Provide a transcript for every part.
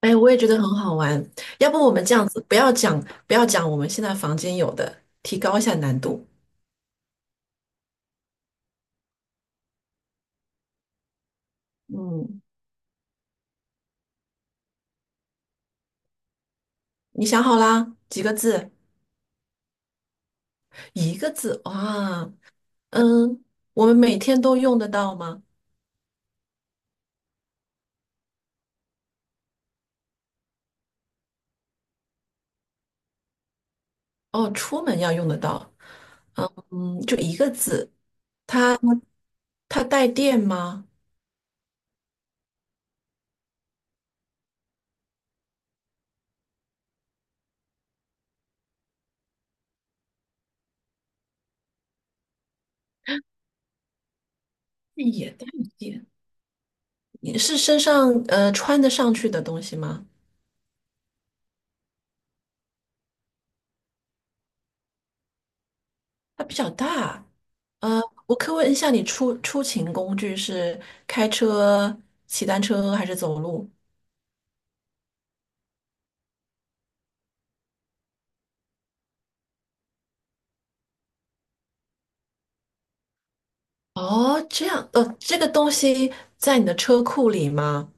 哎，我也觉得很好玩。要不我们这样子，不要讲，不要讲我们现在房间有的，提高一下难度。嗯，你想好啦？几个字？一个字。哇，嗯，我们每天都用得到吗？哦，出门要用得到。嗯，就一个字。它带电吗？也带电。你是身上穿得上去的东西吗？它比较大。呃，我可以问一下，你出勤工具是开车、骑单车还是走路？哦，这样，呃，这个东西在你的车库里吗？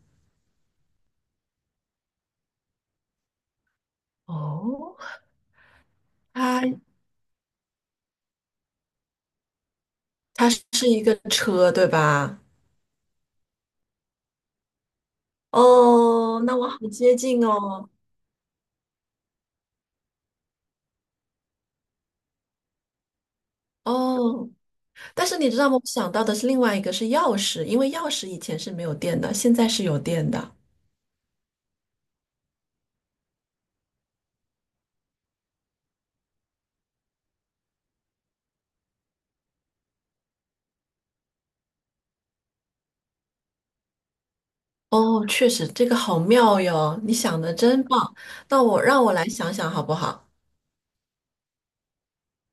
哦，它它是一个车，对吧？哦，那我好接近哦。哦，但是你知道吗？我想到的是另外一个是钥匙，因为钥匙以前是没有电的，现在是有电的。哦，确实，这个好妙哟，你想的真棒。那让我来想想好不好？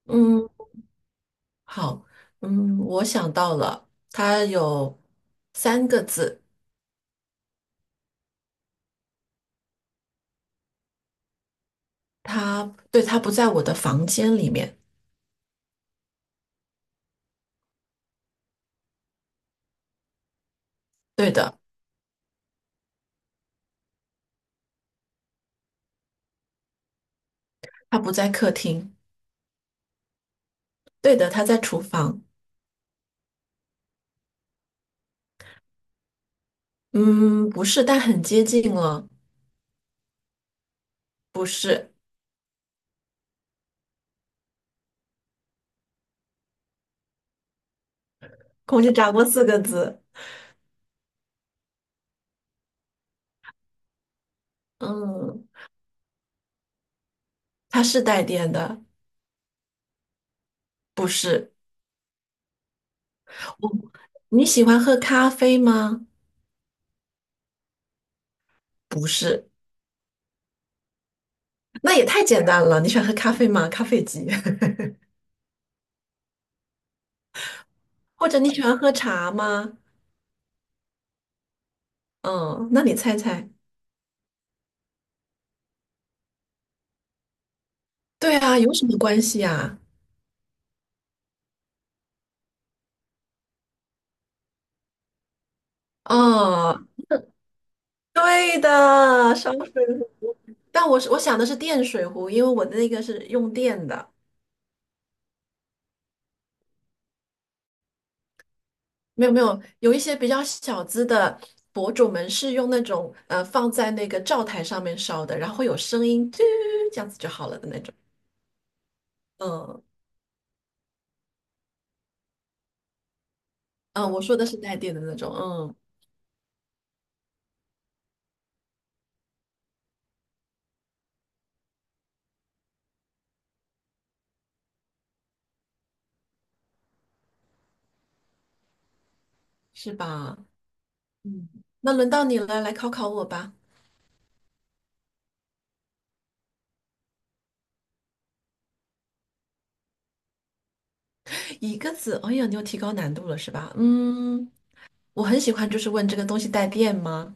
嗯。好，嗯，我想到了，它有三个字，它对，它不在我的房间里面，对的，它不在客厅，对的，它在厨房，嗯，不是，但很接近了，不是，空气炸锅四个字，嗯，它是带电的，不是，我，你喜欢喝咖啡吗？不是，那也太简单了，你喜欢喝咖啡吗？咖啡机，或者你喜欢喝茶吗？嗯，那你猜猜。对啊，有什么关系呀、啊？嗯对的，烧水壶。但我想的是电水壶，因为我的那个是用电的。没有没有，有一些比较小资的博主们是用那种放在那个灶台上面烧的，然后会有声音，嘟这样子就好了的那种。嗯嗯，我说的是带电的那种，嗯，是吧？嗯，那轮到你了，来考考我吧。一个字，哎呀，你又提高难度了是吧？嗯，我很喜欢，就是问这个东西带电吗？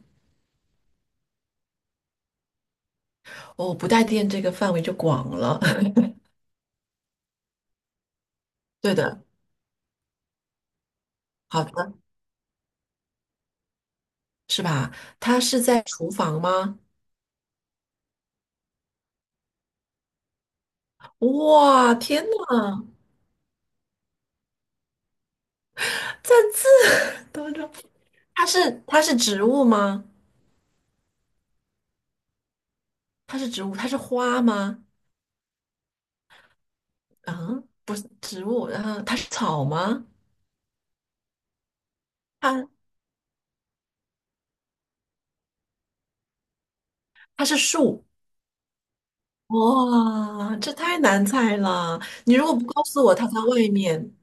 哦，不带电这个范围就广了。对的，好的，是吧？它是在厨房吗？哇，天呐，赞字，等等，它是植物吗？它是植物，它是花吗？啊，不是植物，然后它是草吗？它它是树。哇，这太难猜了！你如果不告诉我它在外面，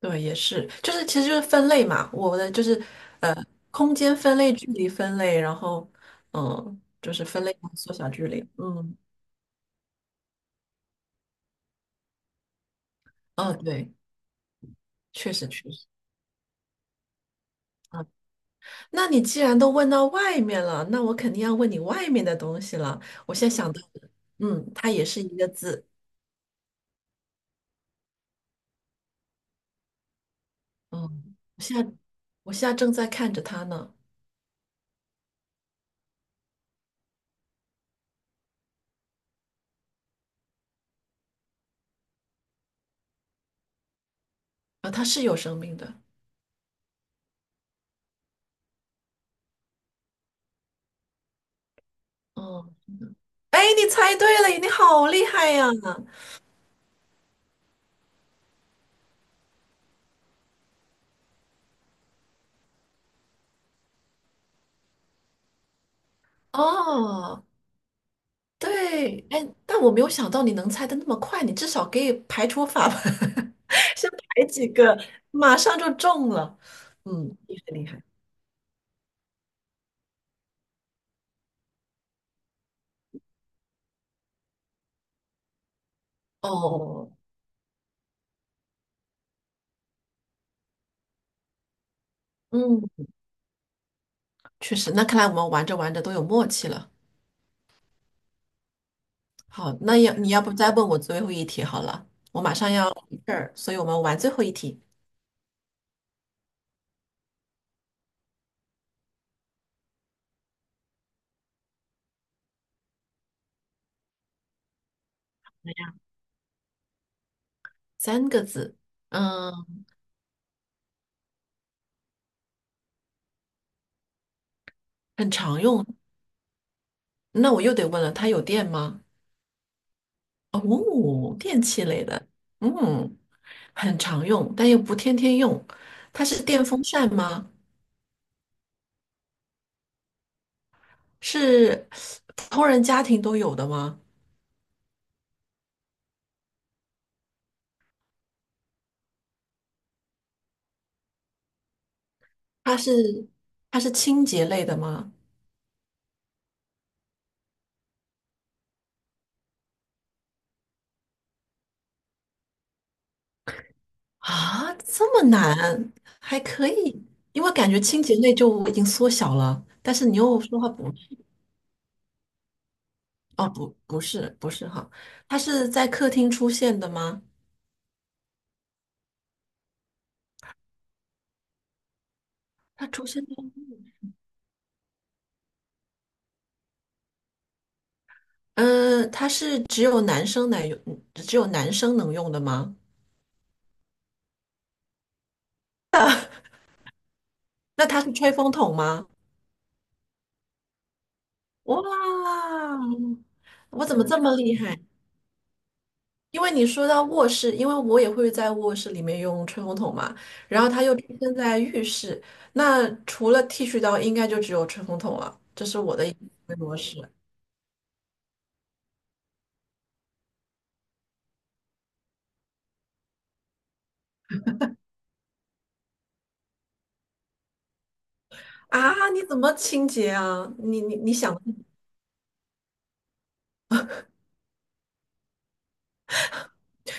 对，也是，就是其实就是分类嘛，我的就是呃，空间分类、距离分类，然后嗯、呃就是分类缩小距离，嗯嗯，对，确实。那你既然都问到外面了，那我肯定要问你外面的东西了。我现在想到的，嗯，它也是一个字，嗯，我现在正在看着它呢，啊，它是有生命的，嗯，哎，你猜对了，你好厉害呀！哦，对，哎，但我没有想到你能猜的那么快，你至少可以排除法吧，先排几个，马上就中了。嗯，厉害厉害。哦，嗯，确实，那看来我们玩着玩着都有默契了。好，那你要不再问我最后一题好了，我马上要回这儿，所以我们玩最后一题，三个字，嗯，很常用。那我又得问了，它有电吗？哦，电器类的，嗯，很常用，但又不天天用。它是电风扇吗？是普通人家庭都有的吗？它是它是清洁类的吗？啊，这么难，还可以，因为感觉清洁类就已经缩小了，但是你又说话不，哦，不，不是，不是哈，它是在客厅出现的吗？它出现在，它是只有男生能用，只有男生能用的吗？那它是吹风筒吗？哇，我怎么这么厉害？因为你说到卧室，因为我也会在卧室里面用吹风筒嘛，然后它又出现在浴室，那除了剃须刀，应该就只有吹风筒了。这是我的一个模式啊！你怎么清洁啊？你想，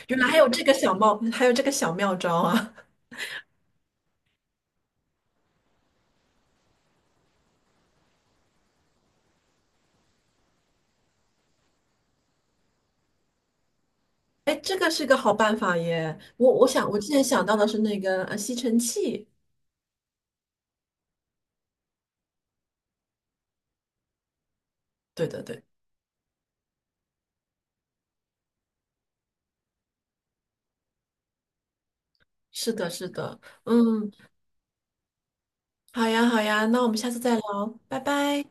原来还有这个小妙，还有这个小妙招啊！哎，这个是个好办法耶！我想，我之前想到的是那个吸尘器。对的，对，是的，是的，嗯，好呀，好呀，那我们下次再聊，拜拜。